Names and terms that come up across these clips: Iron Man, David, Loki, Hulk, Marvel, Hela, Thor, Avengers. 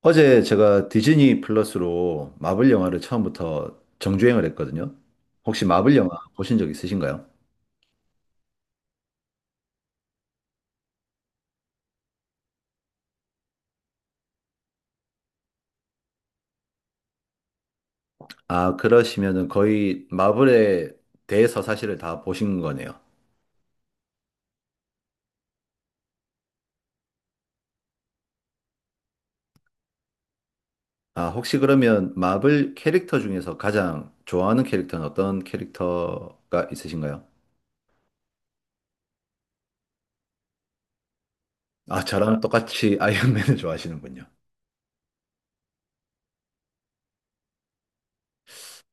어제 제가 디즈니 플러스로 마블 영화를 처음부터 정주행을 했거든요. 혹시 마블 영화 보신 적 있으신가요? 아, 그러시면은 거의 마블에 대해서 사실을 다 보신 거네요. 아, 혹시 그러면 마블 캐릭터 중에서 가장 좋아하는 캐릭터는 어떤 캐릭터가 있으신가요? 아, 저랑 똑같이 아이언맨을 좋아하시는군요.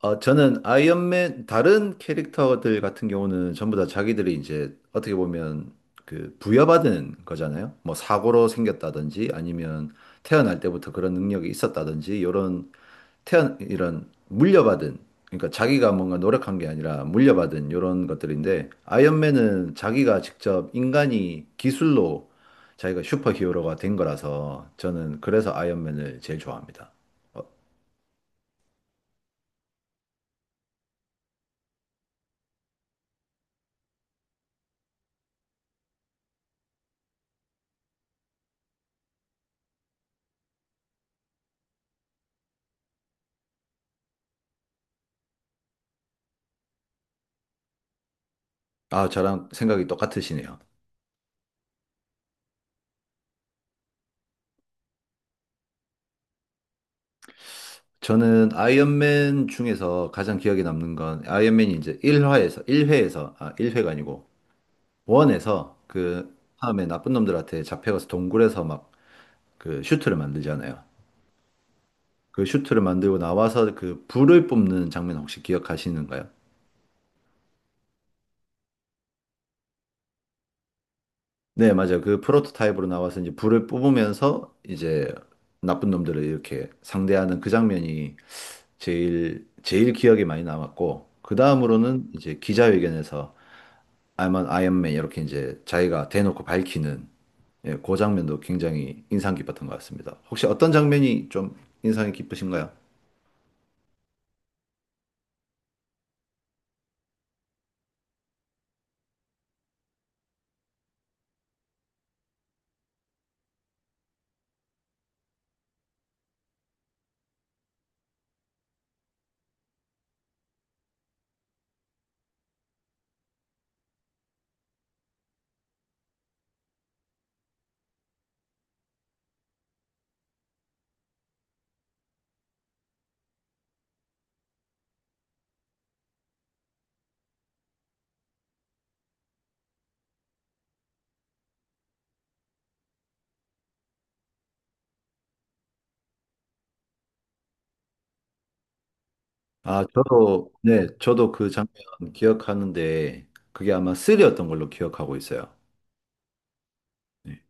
어, 저는 아이언맨 다른 캐릭터들 같은 경우는 전부 다 자기들이 이제 어떻게 보면 그 부여받은 거잖아요. 뭐 사고로 생겼다든지 아니면 태어날 때부터 그런 능력이 있었다든지 이런 태어 이런 물려받은 그러니까 자기가 뭔가 노력한 게 아니라 물려받은 이런 것들인데 아이언맨은 자기가 직접 인간이 기술로 자기가 슈퍼히어로가 된 거라서 저는 그래서 아이언맨을 제일 좋아합니다. 어, 아, 저랑 생각이 똑같으시네요. 저는 아이언맨 중에서 가장 기억에 남는 건 아이언맨이 이제 1화에서, 일회에서 아, 1회가 아니고 원에서 그 다음에 나쁜 놈들한테 잡혀가서 동굴에서 막 그 슈트를 만들잖아요. 그 슈트를 만들고 나와서 그 불을 뿜는 장면 혹시 기억하시는가요? 네, 맞아요. 그 프로토타입으로 나와서 이제 불을 뿜으면서 이제 나쁜 놈들을 이렇게 상대하는 그 장면이 제일 기억에 많이 남았고, 그 다음으로는 이제 기자회견에서 I'm an Iron Man 이렇게 이제 자기가 대놓고 밝히는 예, 그 장면도 굉장히 인상 깊었던 것 같습니다. 혹시 어떤 장면이 좀 인상이 깊으신가요? 아, 저도, 네, 저도 그 장면 기억하는데 그게 아마 3였던 걸로 기억하고 있어요. 네.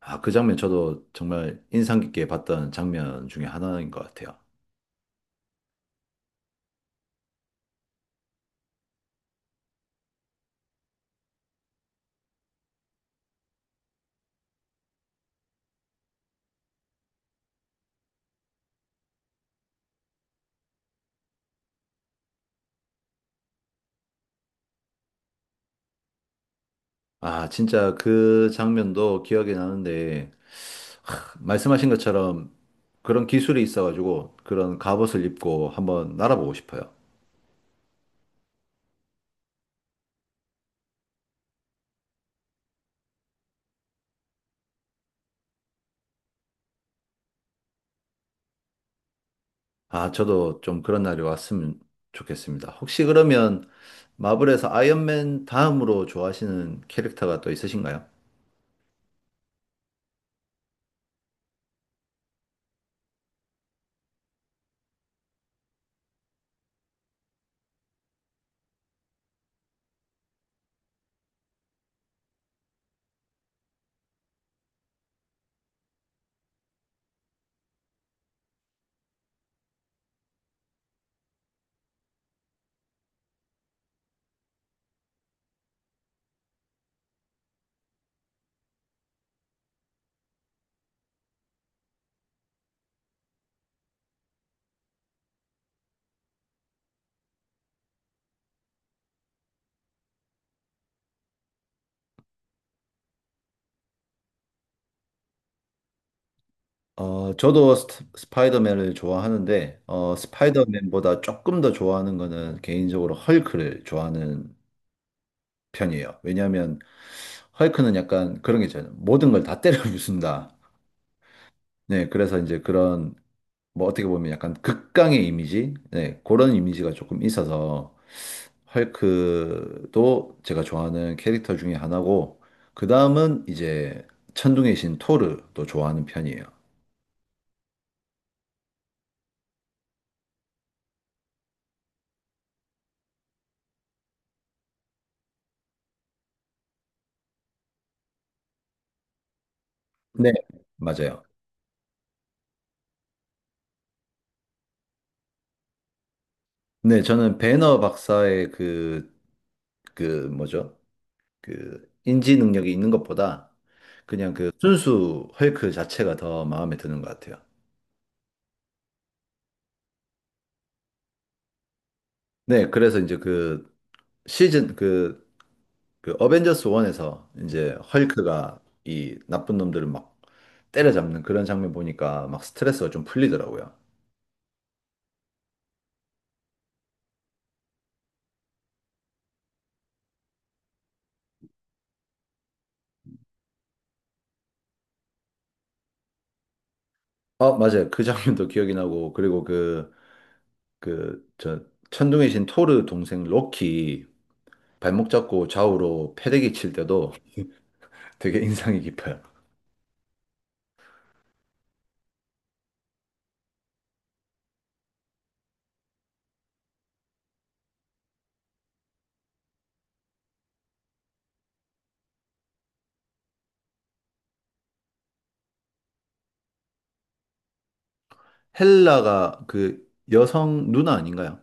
아, 그 장면 저도 정말 인상 깊게 봤던 장면 중에 하나인 것 같아요. 아, 진짜 그 장면도 기억이 나는데 말씀하신 것처럼 그런 기술이 있어가지고 그런 갑옷을 입고 한번 날아보고 싶어요. 아, 저도 좀 그런 날이 왔으면 좋겠습니다. 혹시 그러면 마블에서 아이언맨 다음으로 좋아하시는 캐릭터가 또 있으신가요? 어, 저도 스파이더맨을 좋아하는데, 어, 스파이더맨보다 조금 더 좋아하는 거는 개인적으로 헐크를 좋아하는 편이에요. 왜냐하면 헐크는 약간 그런 게 있잖아요. 모든 걸 다 때려 부순다. 네, 그래서 이제 그런, 뭐 어떻게 보면 약간 극강의 이미지? 네, 그런 이미지가 조금 있어서 헐크도 제가 좋아하는 캐릭터 중에 하나고, 그 다음은 이제 천둥의 신 토르도 좋아하는 편이에요. 네, 맞아요. 네, 저는 배너 박사의 그, 그, 뭐죠? 그, 인지 능력이 있는 것보다 그냥 그 순수 헐크 자체가 더 마음에 드는 것 같아요. 네, 그래서 이제 그 어벤져스 1에서 이제 헐크가 이 나쁜 놈들을 막 때려잡는 그런 장면 보니까 막 스트레스가 좀 풀리더라고요. 어, 맞아요. 그 장면도 기억이 나고 그리고 그 천둥의 신 토르 동생 로키 발목 잡고 좌우로 패대기 칠 때도 되게 인상이 깊어요. 헬라가 그 여성 누나 아닌가요?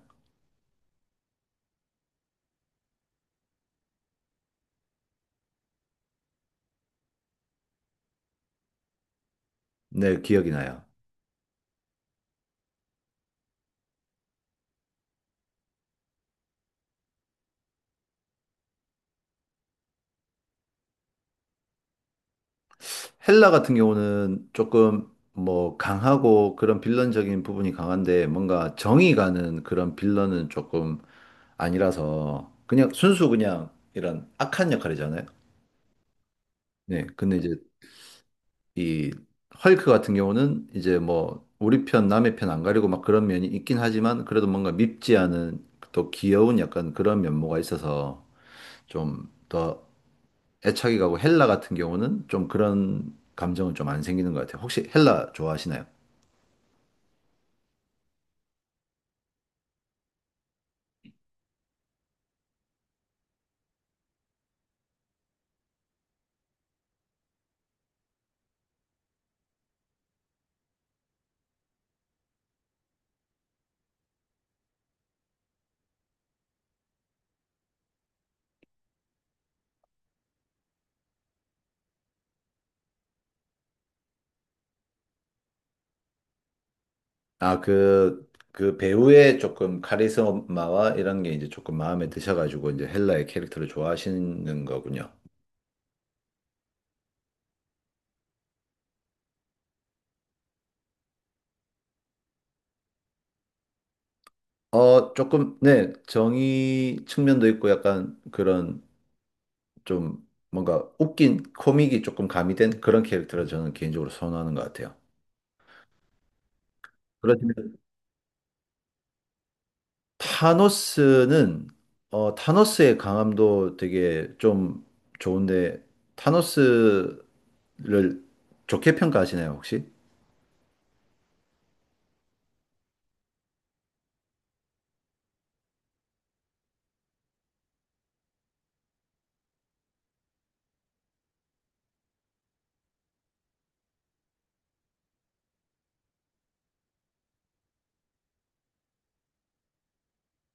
네, 기억이 나요. 헬라 같은 경우는 조금 뭐 강하고 그런 빌런적인 부분이 강한데 뭔가 정이 가는 그런 빌런은 조금 아니라서 그냥 순수 그냥 이런 악한 역할이잖아요. 네. 근데 이제 이 헐크 같은 경우는 이제 뭐 우리 편 남의 편 안 가리고 막 그런 면이 있긴 하지만 그래도 뭔가 밉지 않은 또 귀여운 약간 그런 면모가 있어서 좀 더 애착이 가고 헬라 같은 경우는 좀 그런 감정은 좀 안 생기는 것 같아요. 혹시 헬라 좋아하시나요? 아, 그, 그 배우의 조금 카리스마와 이런 게 이제 조금 마음에 드셔가지고 이제 헬라의 캐릭터를 좋아하시는 거군요. 어, 조금, 네, 정의 측면도 있고 약간 그런 좀 뭔가 웃긴 코믹이 조금 가미된 그런 캐릭터를 저는 개인적으로 선호하는 것 같아요. 그렇지만 타노스는, 어, 타노스의 강함도 되게 좀 좋은데, 타노스를 좋게 평가하시나요, 혹시?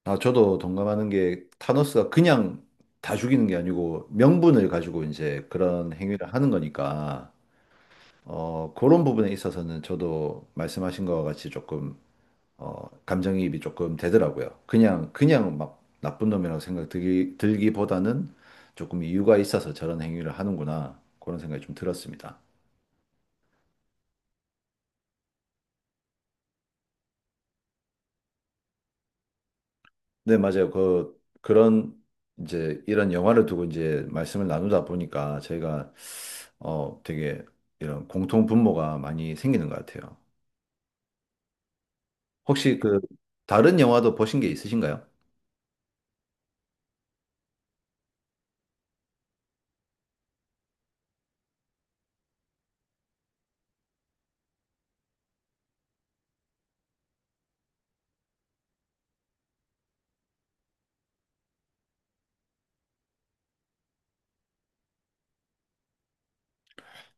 아, 저도 동감하는 게 타노스가 그냥 다 죽이는 게 아니고 명분을 가지고 이제 그런 행위를 하는 거니까 어, 그런 부분에 있어서는 저도 말씀하신 거와 같이 조금 어, 감정이입이 조금 되더라고요. 그냥 막 나쁜 놈이라고 생각 들기보다는 조금 이유가 있어서 저런 행위를 하는구나 그런 생각이 좀 들었습니다. 네, 맞아요. 그런 이제 이런 영화를 두고 이제 말씀을 나누다 보니까 저희가 어, 되게 이런 공통 분모가 많이 생기는 것 같아요. 혹시 그 다른 영화도 보신 게 있으신가요?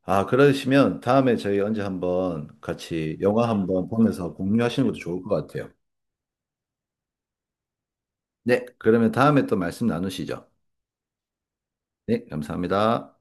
아, 그러시면 다음에 저희 언제 한번 같이 영화 한번 보면서 공유하시는 것도 좋을 것 같아요. 네, 그러면 다음에 또 말씀 나누시죠. 네, 감사합니다.